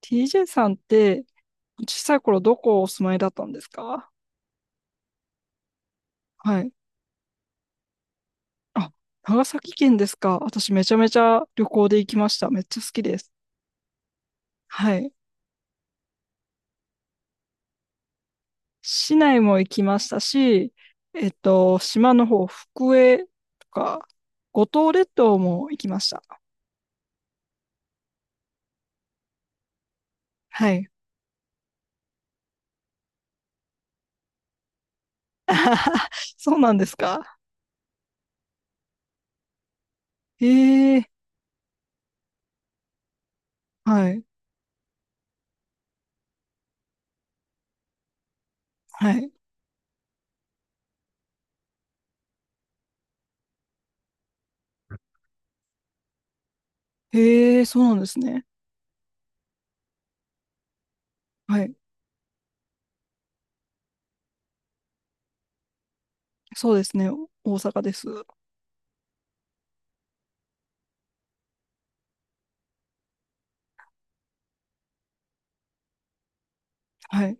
TJ さんって小さい頃どこお住まいだったんですか？はい。あ、長崎県ですか。私めちゃめちゃ旅行で行きました。めっちゃ好きです。はい。市内も行きましたし、島の方、福江とか、五島列島も行きました。はい。そうなんですか。へえ、はい、はい。へえ、そうなんですね。はい。そうですね。大阪です。はい、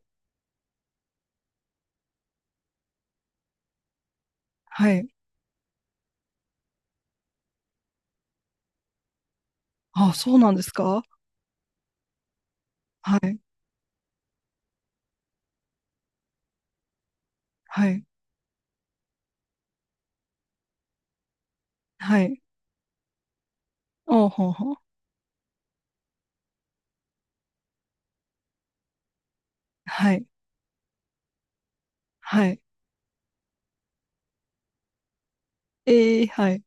はい。あ、そうなんですか。はい。はい。はい。おうほうほう。はい。はい。ええ、はい。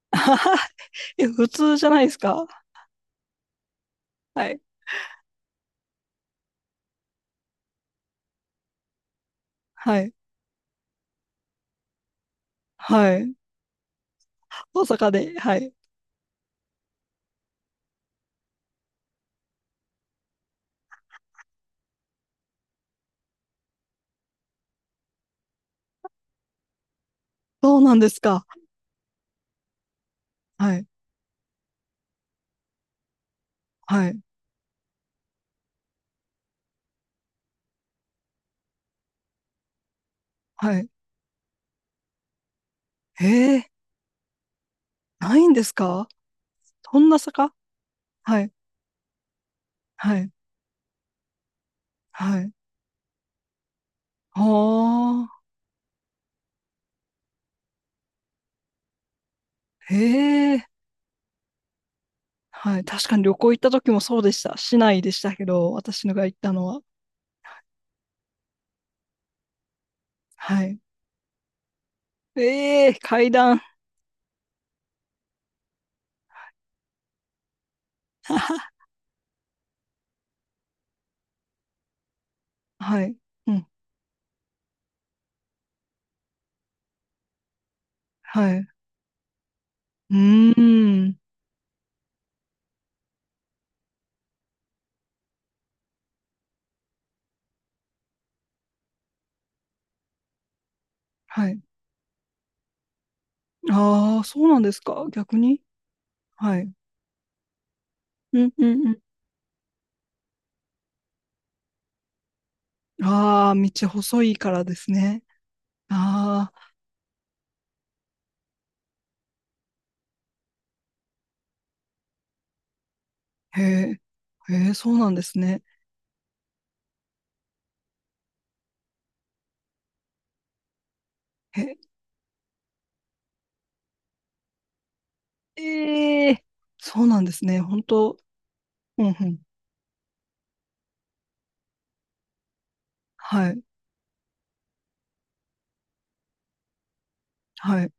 あは、はい、普通じゃないですか。はい。はい。はい。大阪で。はい。そうなんですか。はい。はい。はい。ええ、ないんですか？そんな坂。はい。はい。はい。ああ。ええ、はい。確かに旅行行った時もそうでした。市内でしたけど、私のが行ったのは。はい。ええ、階段。はは、はい。うん。はい。うーん。はい。ああ、そうなんですか。逆に。はい。うんうんうん。ああ、道細いからですね。ああ、へえ、へえ、そうなんですね。へえ、ええ、そうなんですね。本当、うんうん。はい、はい。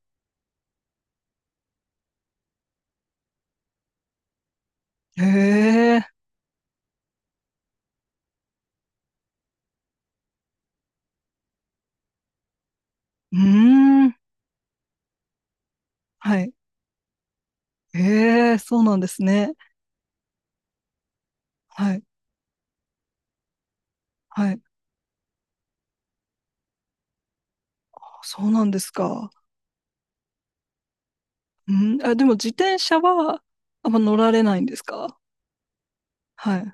へえ、うーん、はい。へえ、そうなんですね。はい、はい。そうなんですか。うん、あ、でも自転車は、あんま乗られないんですか？はい。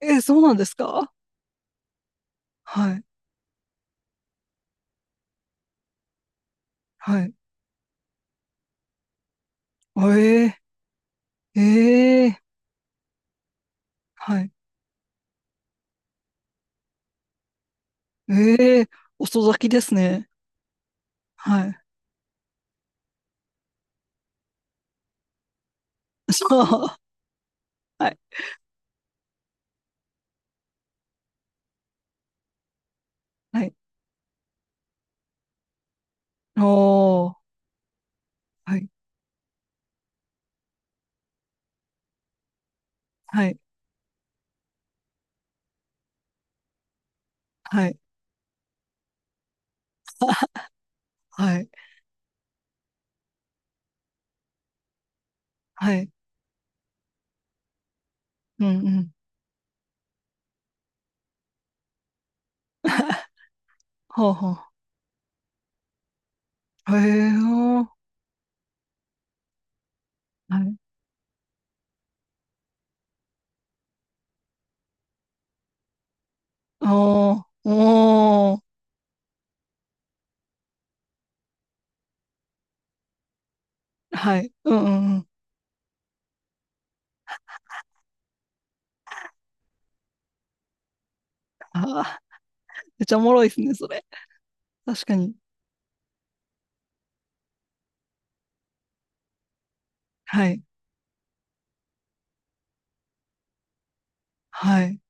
えー、そうなんですか？はい、はい。ええ、ええ、はい。ええ、遅咲きですね。はい。そう。はい。はい。おー。はい。はい。はい。はい。はい。うんうん。ほうほう。へえー。はい。おー。おー。はい。うんうんうん。あー、めっちゃおもろいですね、それ。確かに。はい。はい。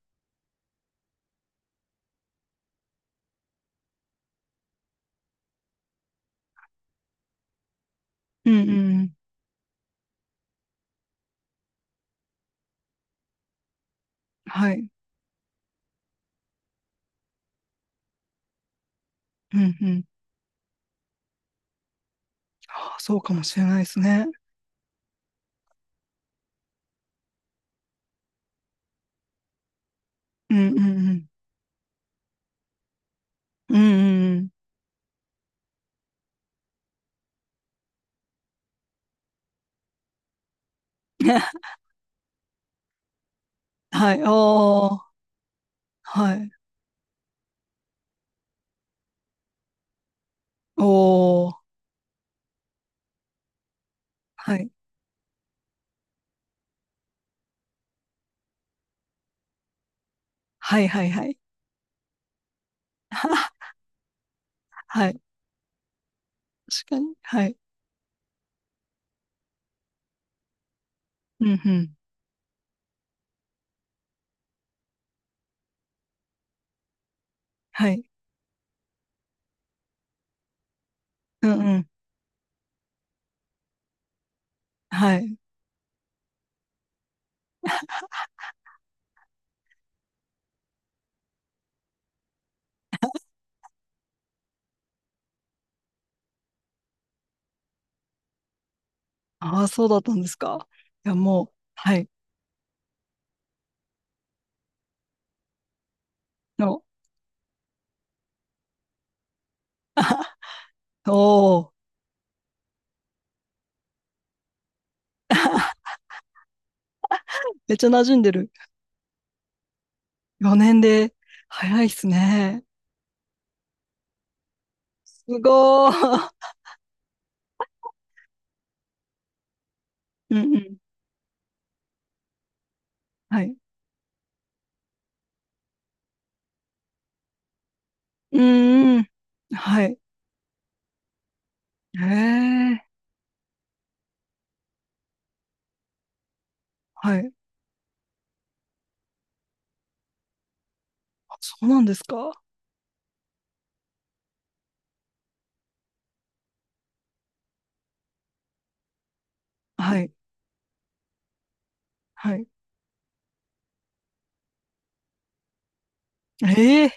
うんうんうん。はい。うんうん。あー、そうかもしれないですね。うんうんうん。うんうんうん。はい。おー。はい。おー。はい。はいはいはい。はい。確かに。はい。うんうん。はい。うんうん。はい。ああ、そうだったんですか。いや、もう、はい。の、おお。めっちゃ馴染んでる。4年で、早いっすね。すごー。うんうん。はい。うんうん。はい。ええ、はい。あ、そうなんですか。はい。はい。ええ、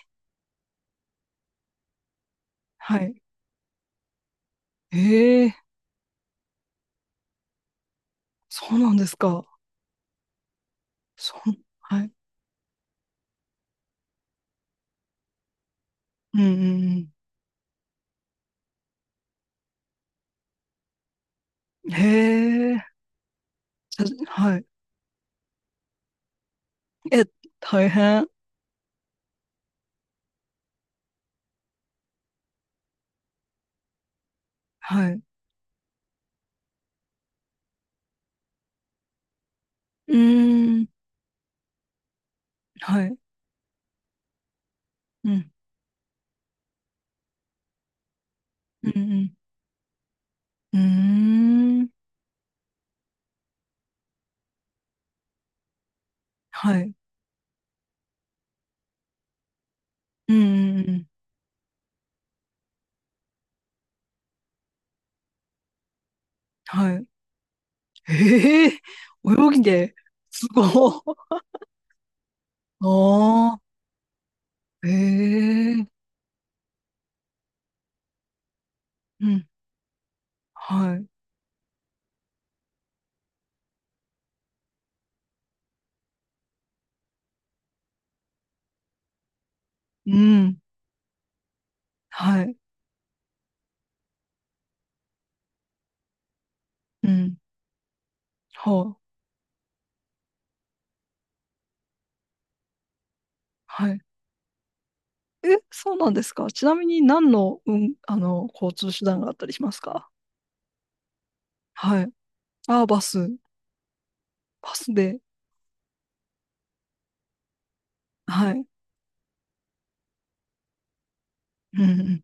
はい。ええ、そうなんですか。そう、はい。うんうんうん。へえ、はい。え、大変。はい。うーん、はい。うん、うん、うん。うーん、はい。うん、うん、うん。はい。ええ、泳ぎで、すごい。ああ、ええ、うん、はい。うん、はい。うん、はあ、はい。え、そうなんですか。ちなみに何の、うん、交通手段があったりしますか？はい。ああ、バス。パスで。はい。うんうん。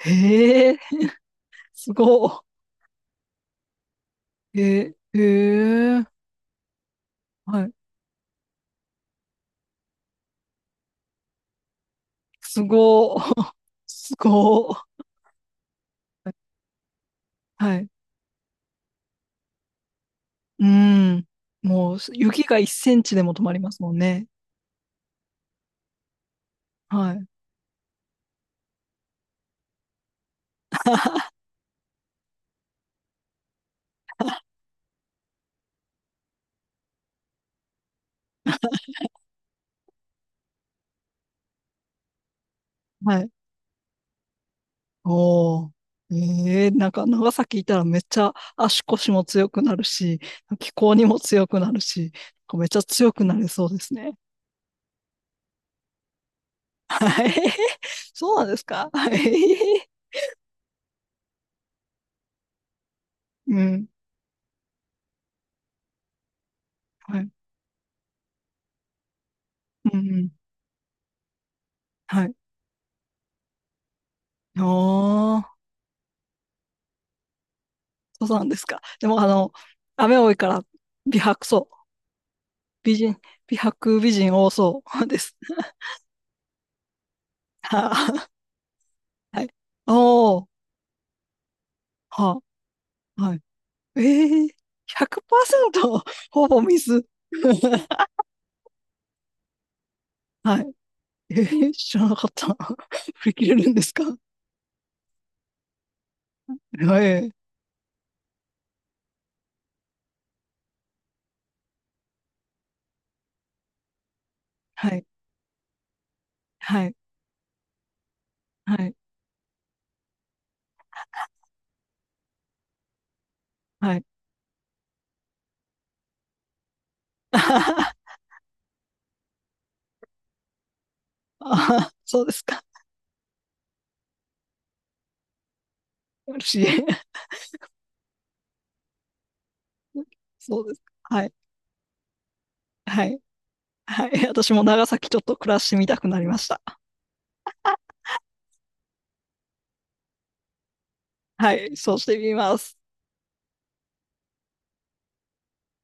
へえ、すごい。えー、へえ、はい。すごい。すごい。はい。うーん。もう、雪が1センチでも止まりますもんね。はい。はい。おお。ええ、なんか長崎いたらめっちゃ足腰も強くなるし、気候にも強くなるし、なんかめっちゃ強くなれそうですね。はい。そうなんですか？はい。うん。はい。うんうん。はい。おー、そうなんですか。でも、雨多いから、美白そう。美人、美白美人多そうです。はあ、はい。おー、はあ、はい。ええー、100%。ほぼ水。はい。えー、知らなかった。振り切れるんですか？えー、はい、はい、はい、はい。ああ、そうですか。嬉しい。そうですか。はい、はい、はい。私も長崎ちょっと暮らしてみたくなりました。はい、そうしてみます。